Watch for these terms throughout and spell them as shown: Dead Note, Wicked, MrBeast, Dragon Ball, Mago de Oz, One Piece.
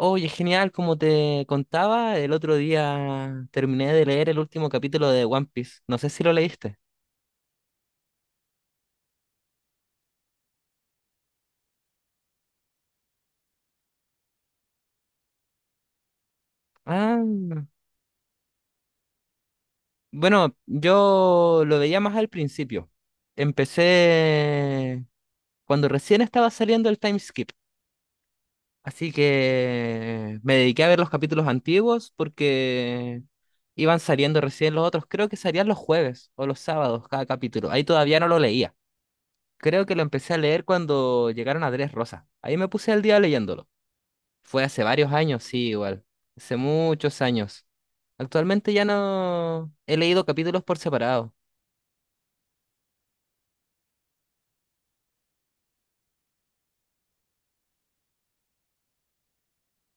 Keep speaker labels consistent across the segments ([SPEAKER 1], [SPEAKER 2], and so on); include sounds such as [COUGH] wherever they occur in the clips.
[SPEAKER 1] Oye, genial, como te contaba, el otro día terminé de leer el último capítulo de One Piece. No sé si lo leíste. Ah, bueno, yo lo veía más al principio. Empecé cuando recién estaba saliendo el time skip. Así que me dediqué a ver los capítulos antiguos porque iban saliendo recién los otros. Creo que salían los jueves o los sábados cada capítulo. Ahí todavía no lo leía. Creo que lo empecé a leer cuando llegaron a Rosas. Ahí me puse al día leyéndolo. Fue hace varios años, sí, igual. Hace muchos años. Actualmente ya no he leído capítulos por separado.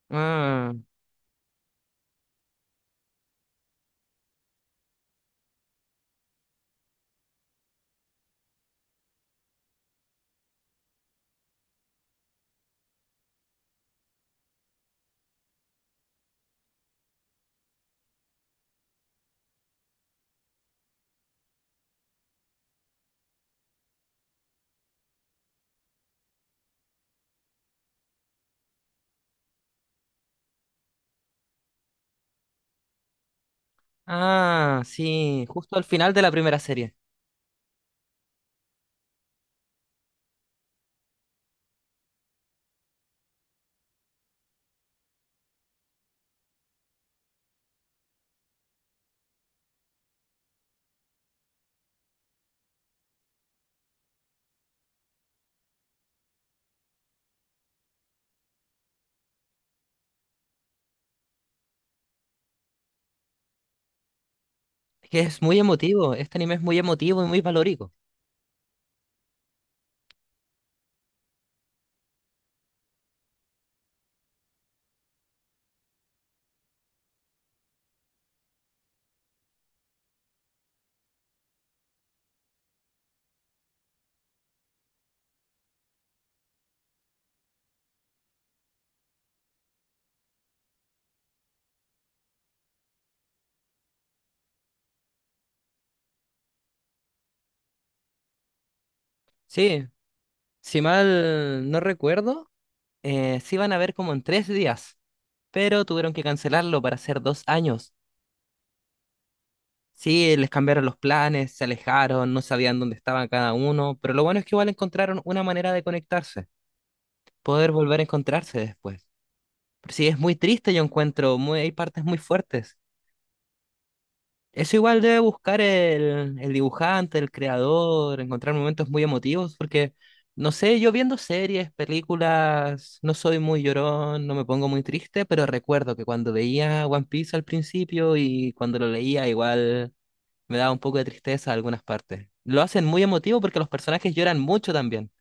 [SPEAKER 1] Ah, ah, sí, justo al final de la primera serie. Es que es muy emotivo, este anime es muy emotivo y muy valórico. Sí, si mal no recuerdo, se iban a ver como en 3 días, pero tuvieron que cancelarlo para hacer 2 años. Sí, les cambiaron los planes, se alejaron, no sabían dónde estaban cada uno, pero lo bueno es que igual encontraron una manera de conectarse. Poder volver a encontrarse después. Pero sí, es muy triste, yo encuentro, muy, hay partes muy fuertes. Eso igual debe buscar el dibujante, el creador, encontrar momentos muy emotivos, porque no sé, yo viendo series, películas, no soy muy llorón, no me pongo muy triste, pero recuerdo que cuando veía One Piece al principio y cuando lo leía, igual me daba un poco de tristeza en algunas partes. Lo hacen muy emotivo porque los personajes lloran mucho también.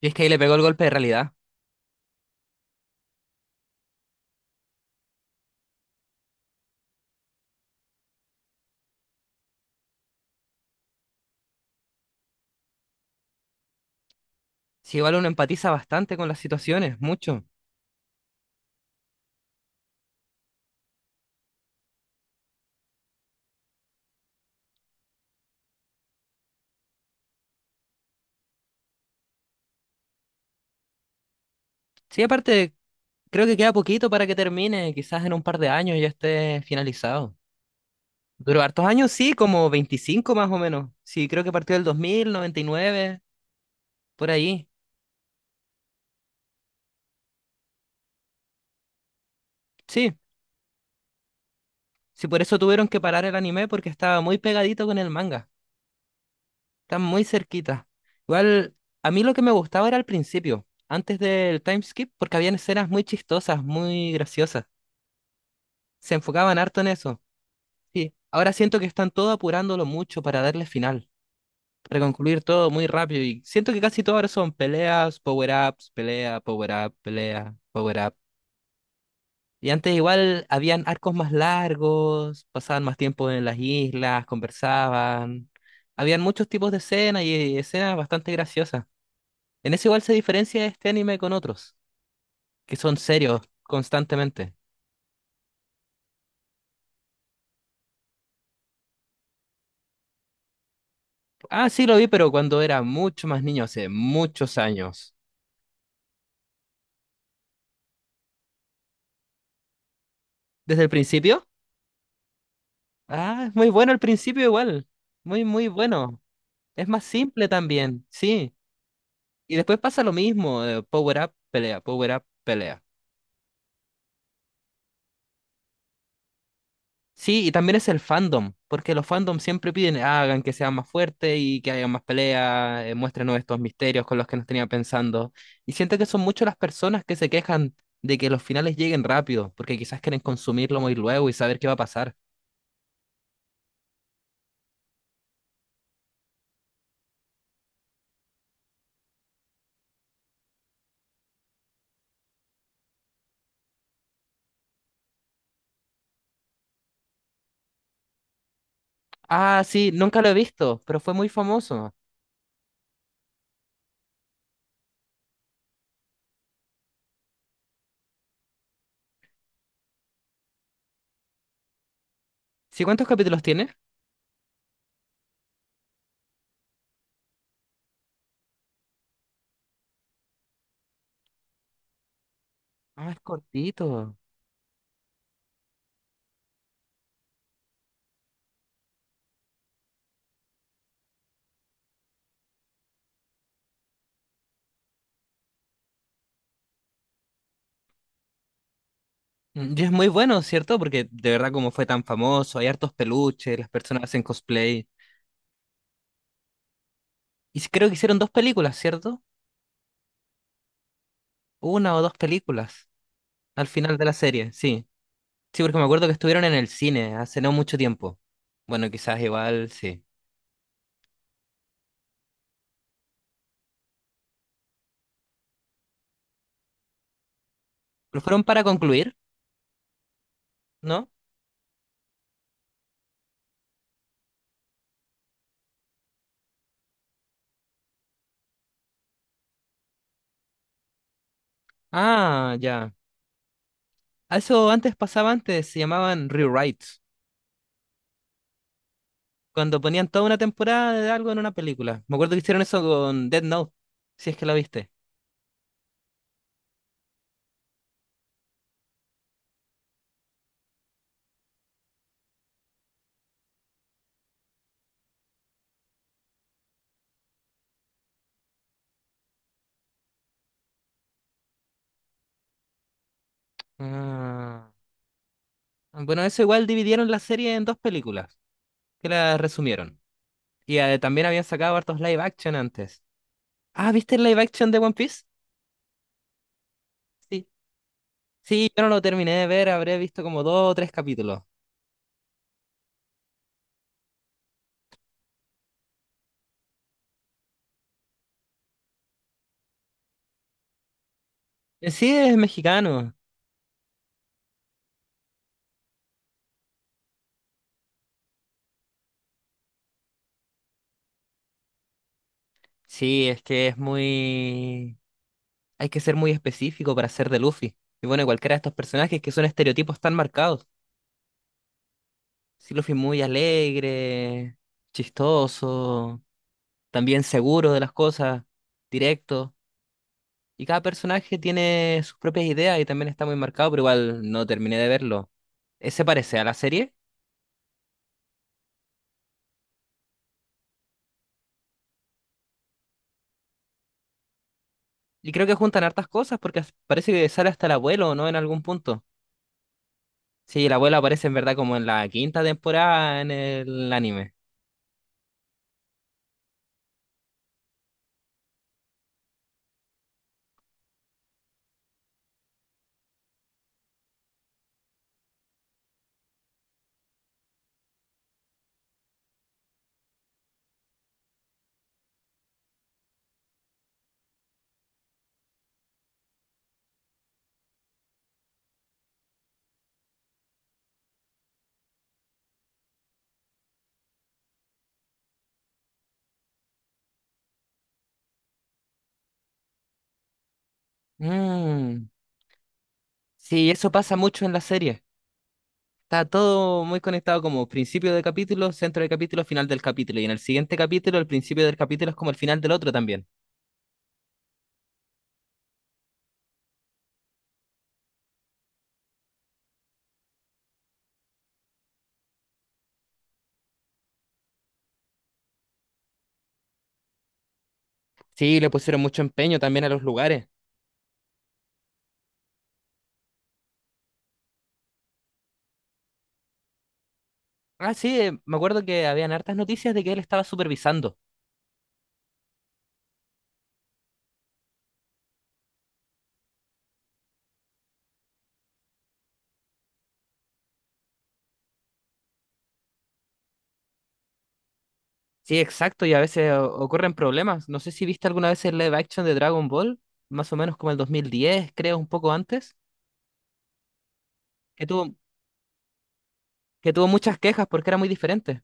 [SPEAKER 1] Y es que ahí le pegó el golpe de realidad. Sí, igual uno empatiza bastante con las situaciones, mucho. Sí, aparte, creo que queda poquito para que termine, quizás en un par de años ya esté finalizado. Duró hartos años, sí, como 25 más o menos. Sí, creo que partió del 2000, 99 por ahí. Sí, sí, por eso tuvieron que parar el anime porque estaba muy pegadito con el manga. Están muy cerquita. Igual, a mí lo que me gustaba era al principio, antes del time skip, porque habían escenas muy chistosas, muy graciosas. Se enfocaban harto en eso. Sí, ahora siento que están todo apurándolo mucho para darle final, para concluir todo muy rápido, y siento que casi todo ahora son peleas, power-ups, pelea, power-up, pelea, power-up. Y antes igual habían arcos más largos, pasaban más tiempo en las islas, conversaban. Habían muchos tipos de escenas y escenas bastante graciosas. En eso igual se diferencia este anime con otros, que son serios constantemente. Ah, sí lo vi, pero cuando era mucho más niño, hace muchos años. ¿Desde el principio? Ah, es muy bueno el principio igual. Muy, muy bueno. Es más simple también, sí. Y después pasa lo mismo, Power Up, pelea, Power Up, pelea. Sí, y también es el fandom, porque los fandoms siempre piden, "Ah, hagan que sea más fuerte y que haya más pelea, muéstrenos estos misterios con los que nos tenía pensando". Y siento que son muchas las personas que se quejan de que los finales lleguen rápido, porque quizás quieren consumirlo muy luego y saber qué va a pasar. Ah, sí, nunca lo he visto, pero fue muy famoso. ¿Sí cuántos capítulos tiene? Ah, es cortito. Mm, y es muy bueno, ¿cierto? Porque de verdad como fue tan famoso, hay hartos peluches, las personas hacen cosplay. Y sí, creo que hicieron dos películas, ¿cierto? Una o dos películas al final de la serie, sí. Sí, porque me acuerdo que estuvieron en el cine hace no mucho tiempo. Bueno, quizás igual, sí. Pero fueron para concluir, ¿no? Ah, ya. A eso antes pasaba antes, se llamaban rewrites, cuando ponían toda una temporada de algo en una película. Me acuerdo que hicieron eso con Dead Note, si es que la viste. Ah. Bueno, eso igual dividieron la serie en dos películas, que la resumieron. Y también habían sacado hartos live action antes. Ah, ¿viste el live action de One Piece? Sí. Sí, yo no lo terminé de ver, habré visto como dos o tres capítulos. Sí, es mexicano. Sí, es que es muy... Hay que ser muy específico para ser de Luffy. Y bueno, cualquiera de estos personajes que son estereotipos tan marcados. Sí, Luffy es muy alegre, chistoso, también seguro de las cosas, directo. Y cada personaje tiene sus propias ideas y también está muy marcado, pero igual no terminé de verlo. Ese parece a la serie y creo que juntan hartas cosas porque parece que sale hasta el abuelo, ¿no? En algún punto. Sí, el abuelo aparece en verdad como en la quinta temporada en el anime. Mm, sí, eso pasa mucho en la serie. Está todo muy conectado como principio de capítulo, centro de capítulo, final del capítulo. Y en el siguiente capítulo, el principio del capítulo es como el final del otro también. Sí, le pusieron mucho empeño también a los lugares. Ah, sí, me acuerdo que habían hartas noticias de que él estaba supervisando. Sí, exacto, y a veces ocurren problemas. No sé si viste alguna vez el live action de Dragon Ball, más o menos como el 2010, creo, un poco antes, que tuvo, que tuvo muchas quejas porque era muy diferente.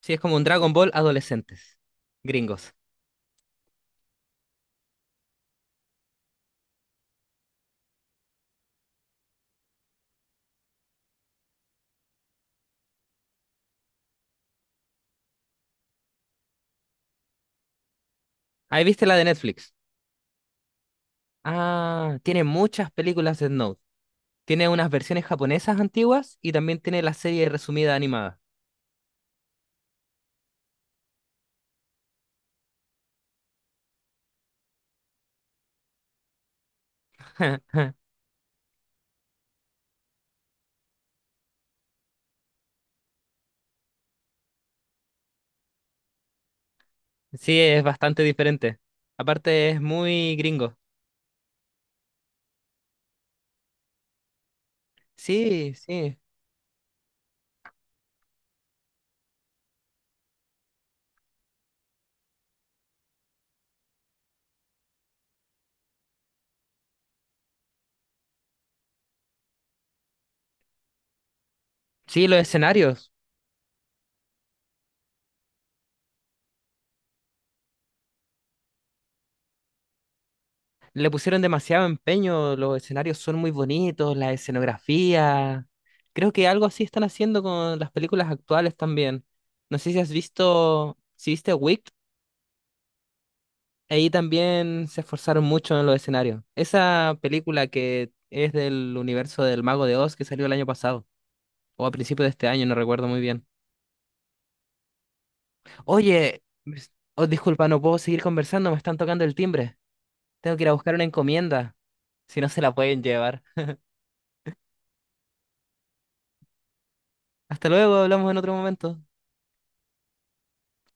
[SPEAKER 1] Sí, es como un Dragon Ball adolescentes, gringos. Ahí viste la de Netflix. Ah, tiene muchas películas de Note. Tiene unas versiones japonesas antiguas y también tiene la serie resumida animada. [LAUGHS] Sí, es bastante diferente. Aparte, es muy gringo. Sí, sí. Sí, los escenarios. Le pusieron demasiado empeño. Los escenarios son muy bonitos, la escenografía. Creo que algo así están haciendo con las películas actuales también. No sé si has visto, si viste Wicked, ahí también se esforzaron mucho en los escenarios. Esa película que es del universo del Mago de Oz que salió el año pasado, o a principios de este año, no recuerdo muy bien. Oye, oh, disculpa, no puedo seguir conversando, me están tocando el timbre. Tengo que ir a buscar una encomienda, si no se la pueden llevar. Hasta luego, hablamos en otro momento.